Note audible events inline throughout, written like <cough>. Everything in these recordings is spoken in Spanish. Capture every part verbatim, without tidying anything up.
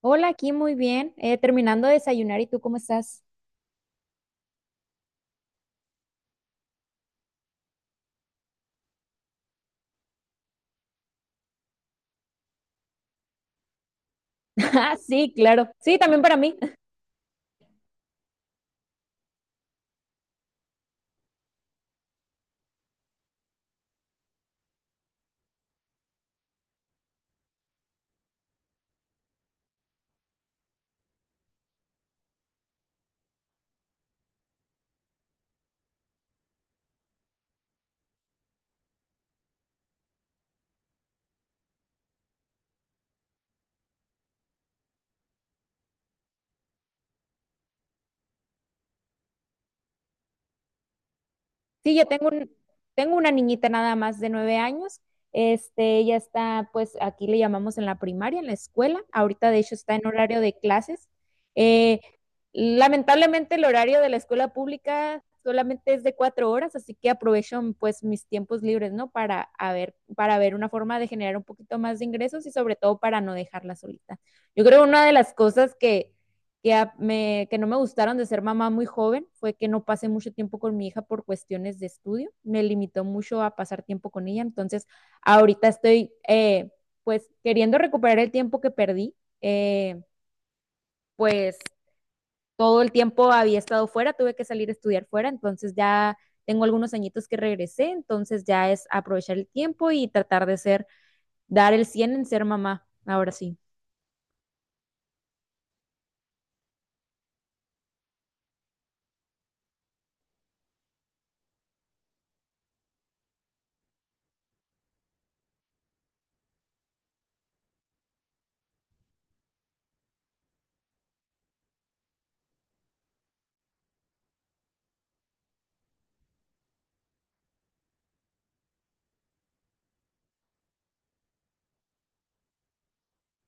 Hola, aquí muy bien. Eh, terminando de desayunar, ¿y tú cómo estás? <laughs> Ah, sí, claro. Sí, también para mí. Sí, yo tengo un, tengo una niñita nada más de nueve años. Este, ella está, pues, aquí le llamamos en la primaria, en la escuela. Ahorita, de hecho, está en horario de clases. Eh, Lamentablemente, el horario de la escuela pública solamente es de cuatro horas, así que aprovecho, pues, mis tiempos libres, ¿no? Para a ver, para ver una forma de generar un poquito más de ingresos y sobre todo para no dejarla solita. Yo creo que una de las cosas que que, a- me, que no me gustaron de ser mamá muy joven fue que no pasé mucho tiempo con mi hija por cuestiones de estudio. Me limitó mucho a pasar tiempo con ella. Entonces, ahorita estoy, eh, pues, queriendo recuperar el tiempo que perdí. Eh, pues todo el tiempo había estado fuera, tuve que salir a estudiar fuera. Entonces ya tengo algunos añitos que regresé. Entonces ya es aprovechar el tiempo y tratar de ser, dar el cien en ser mamá. Ahora sí.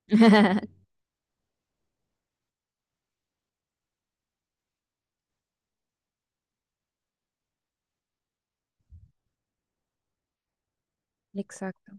<laughs> Exacto.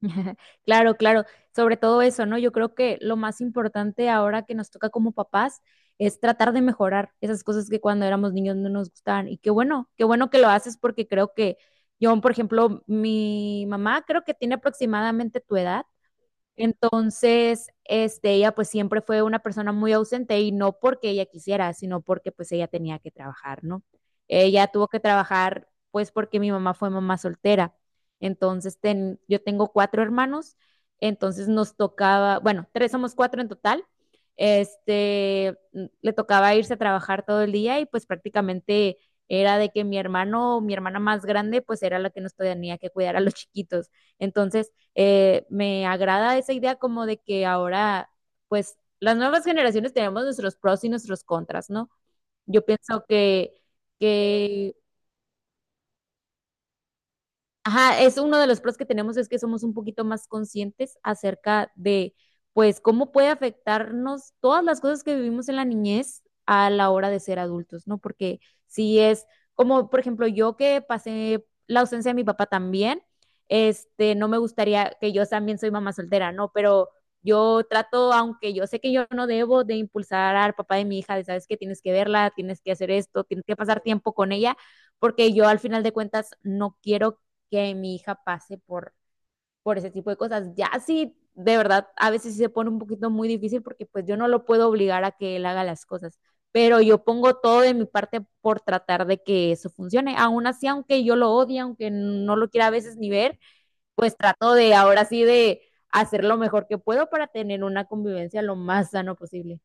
<laughs> Claro, claro, sobre todo eso, ¿no? Yo creo que lo más importante ahora que nos toca como papás es tratar de mejorar esas cosas que cuando éramos niños no nos gustaban. Y qué bueno, qué bueno que lo haces, porque creo que yo, por ejemplo, mi mamá creo que tiene aproximadamente tu edad. Entonces, este, ella pues siempre fue una persona muy ausente, y no porque ella quisiera, sino porque pues ella tenía que trabajar, ¿no? Ella tuvo que trabajar pues porque mi mamá fue mamá soltera. Entonces, ten- yo tengo cuatro hermanos, entonces nos tocaba, bueno, tres, somos cuatro en total. Este, n- le tocaba irse a trabajar todo el día, y pues prácticamente era de que mi hermano, mi hermana más grande, pues era la que nos tenía que cuidar a los chiquitos. Entonces, eh, me agrada esa idea como de que ahora, pues, las nuevas generaciones tenemos nuestros pros y nuestros contras, ¿no? Yo pienso que, que ajá, es uno de los pros que tenemos, es que somos un poquito más conscientes acerca de, pues, cómo puede afectarnos todas las cosas que vivimos en la niñez a la hora de ser adultos, ¿no? Porque si es como, por ejemplo, yo que pasé la ausencia de mi papá también, este, no me gustaría, que yo también soy mamá soltera, ¿no? Pero yo trato, aunque yo sé que yo no debo de impulsar al papá de mi hija, de, sabes que tienes que verla, tienes que hacer esto, tienes que pasar tiempo con ella, porque yo al final de cuentas no quiero que mi hija pase por, por ese tipo de cosas. Ya sí, de verdad, a veces sí se pone un poquito muy difícil, porque pues yo no lo puedo obligar a que él haga las cosas, pero yo pongo todo de mi parte por tratar de que eso funcione. Aún así, aunque yo lo odie, aunque no lo quiera a veces ni ver, pues trato de ahora sí de hacer lo mejor que puedo para tener una convivencia lo más sano posible.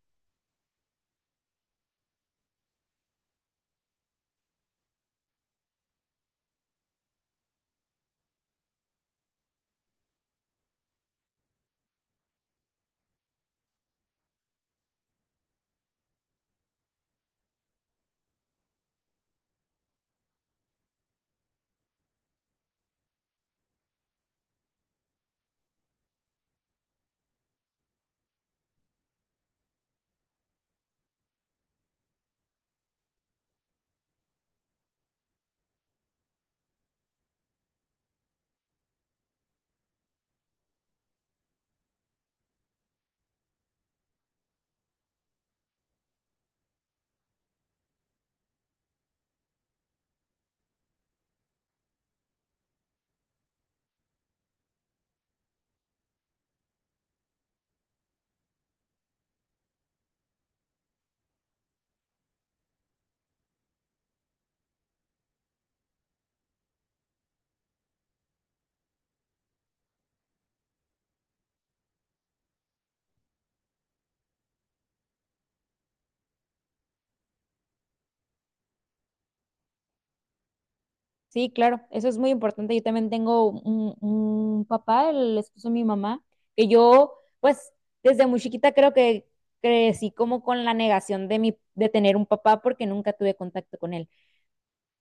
Sí, claro, eso es muy importante. Yo también tengo un, un papá, el esposo de mi mamá, que yo, pues, desde muy chiquita creo que crecí como con la negación de mi, de tener un papá, porque nunca tuve contacto con él.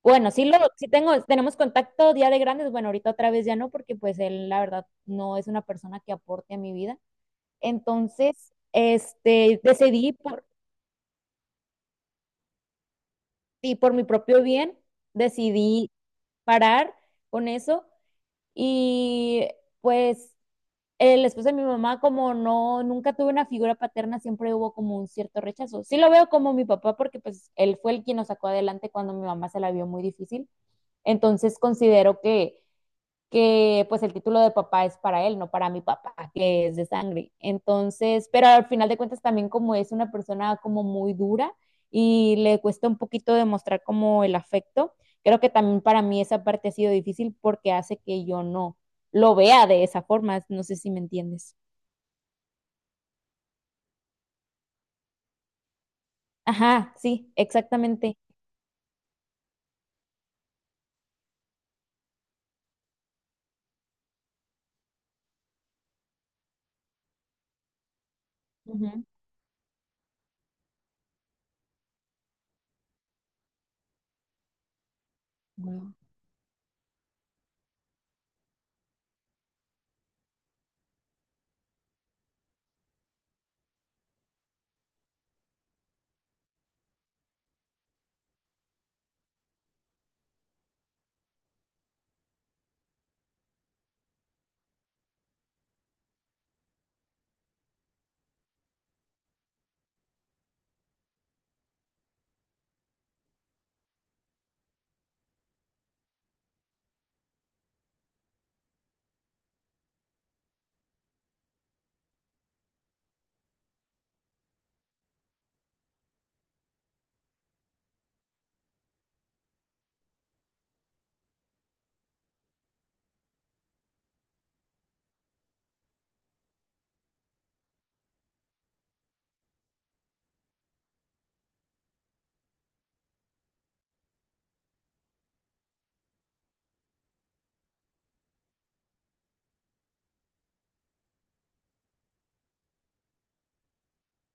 Bueno, sí lo, sí tengo, tenemos contacto día de grandes, bueno, ahorita otra vez ya no, porque pues él, la verdad, no es una persona que aporte a mi vida. Entonces, este, decidí por, y por mi propio bien, decidí parar con eso. Y pues el esposo de mi mamá, como no, nunca tuve una figura paterna, siempre hubo como un cierto rechazo. Sí lo veo como mi papá, porque pues él fue el quien nos sacó adelante cuando mi mamá se la vio muy difícil. Entonces considero que, que pues el título de papá es para él, no para mi papá, que es de sangre. Entonces, pero al final de cuentas, también como es una persona como muy dura y le cuesta un poquito demostrar como el afecto, creo que también para mí esa parte ha sido difícil, porque hace que yo no lo vea de esa forma, no sé si me entiendes. Ajá, sí, exactamente. Ujú. Wow.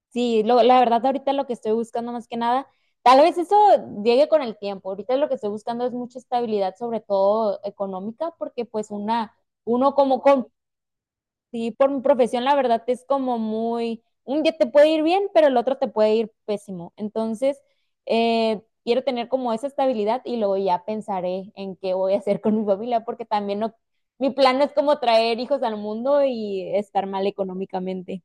Sí, lo- la verdad, ahorita lo que estoy buscando más que nada, tal vez eso llegue con el tiempo. Ahorita lo que estoy buscando es mucha estabilidad, sobre todo económica, porque pues una, uno como com- sí, por mi profesión, la verdad es como muy, un día te puede ir bien, pero el otro te puede ir pésimo. Entonces, eh, quiero tener como esa estabilidad y luego ya pensaré en qué voy a hacer con mi familia, porque también no, mi plan no es como traer hijos al mundo y estar mal económicamente.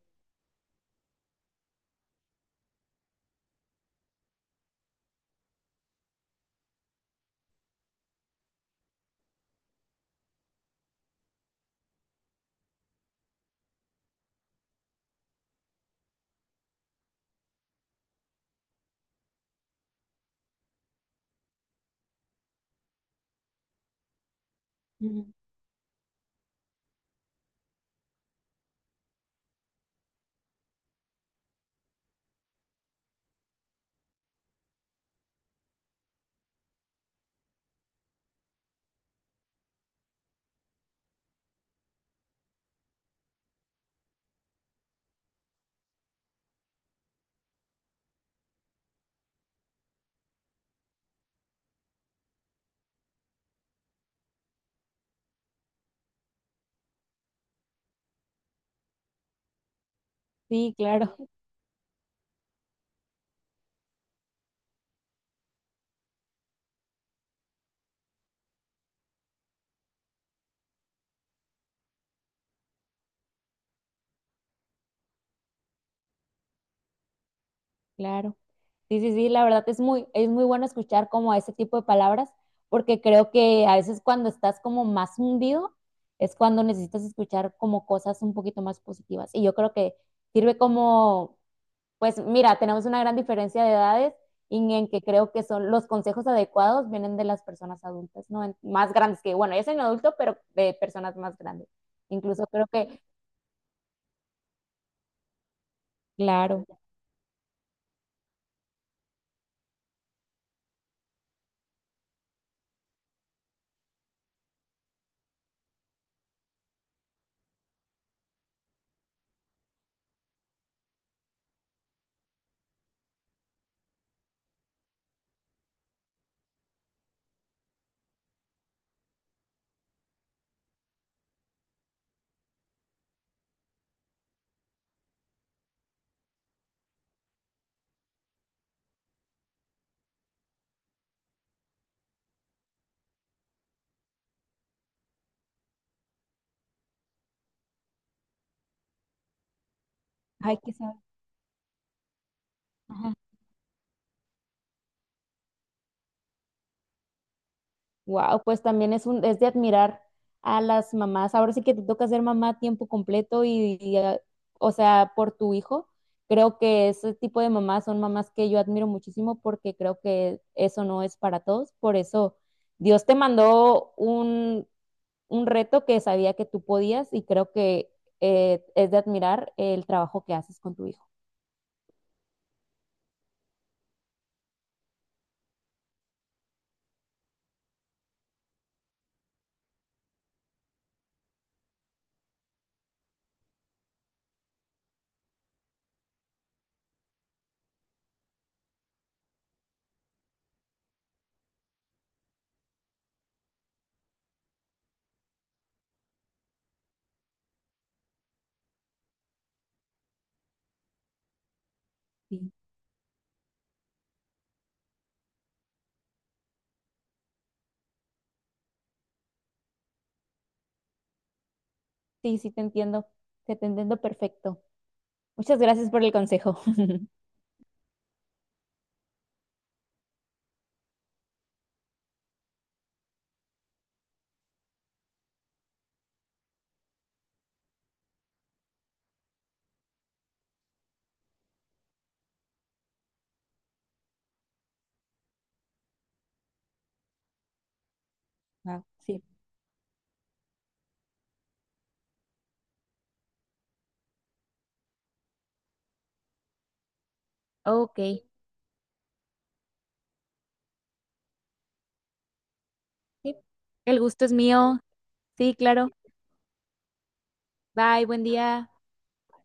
Ujú. Sí, claro, claro. Sí, sí, sí, la verdad es muy, es muy bueno escuchar como ese tipo de palabras, porque creo que a veces cuando estás como más hundido es cuando necesitas escuchar como cosas un poquito más positivas. Y yo creo que sirve como, pues mira, tenemos una gran diferencia de edades, y en que creo que son los consejos adecuados vienen de las personas adultas, ¿no? En- Más grandes que, bueno, yo soy un adulto, pero de personas más grandes. Incluso creo que, claro, hay que saber. Wow, pues también es un, es de admirar a las mamás. Ahora sí que te toca ser mamá a tiempo completo y, y, eh, o sea, por tu hijo. Creo que ese tipo de mamás son mamás que yo admiro muchísimo, porque creo que eso no es para todos. Por eso Dios te mandó un, un reto que sabía que tú podías, y creo que, eh, es de admirar el trabajo que haces con tu hijo. Sí, sí, sí, te entiendo. Te te entiendo perfecto. Muchas gracias por el consejo. <laughs> Wow, sí. Ok. Sí, el gusto es mío. Sí, claro. Bye, buen día.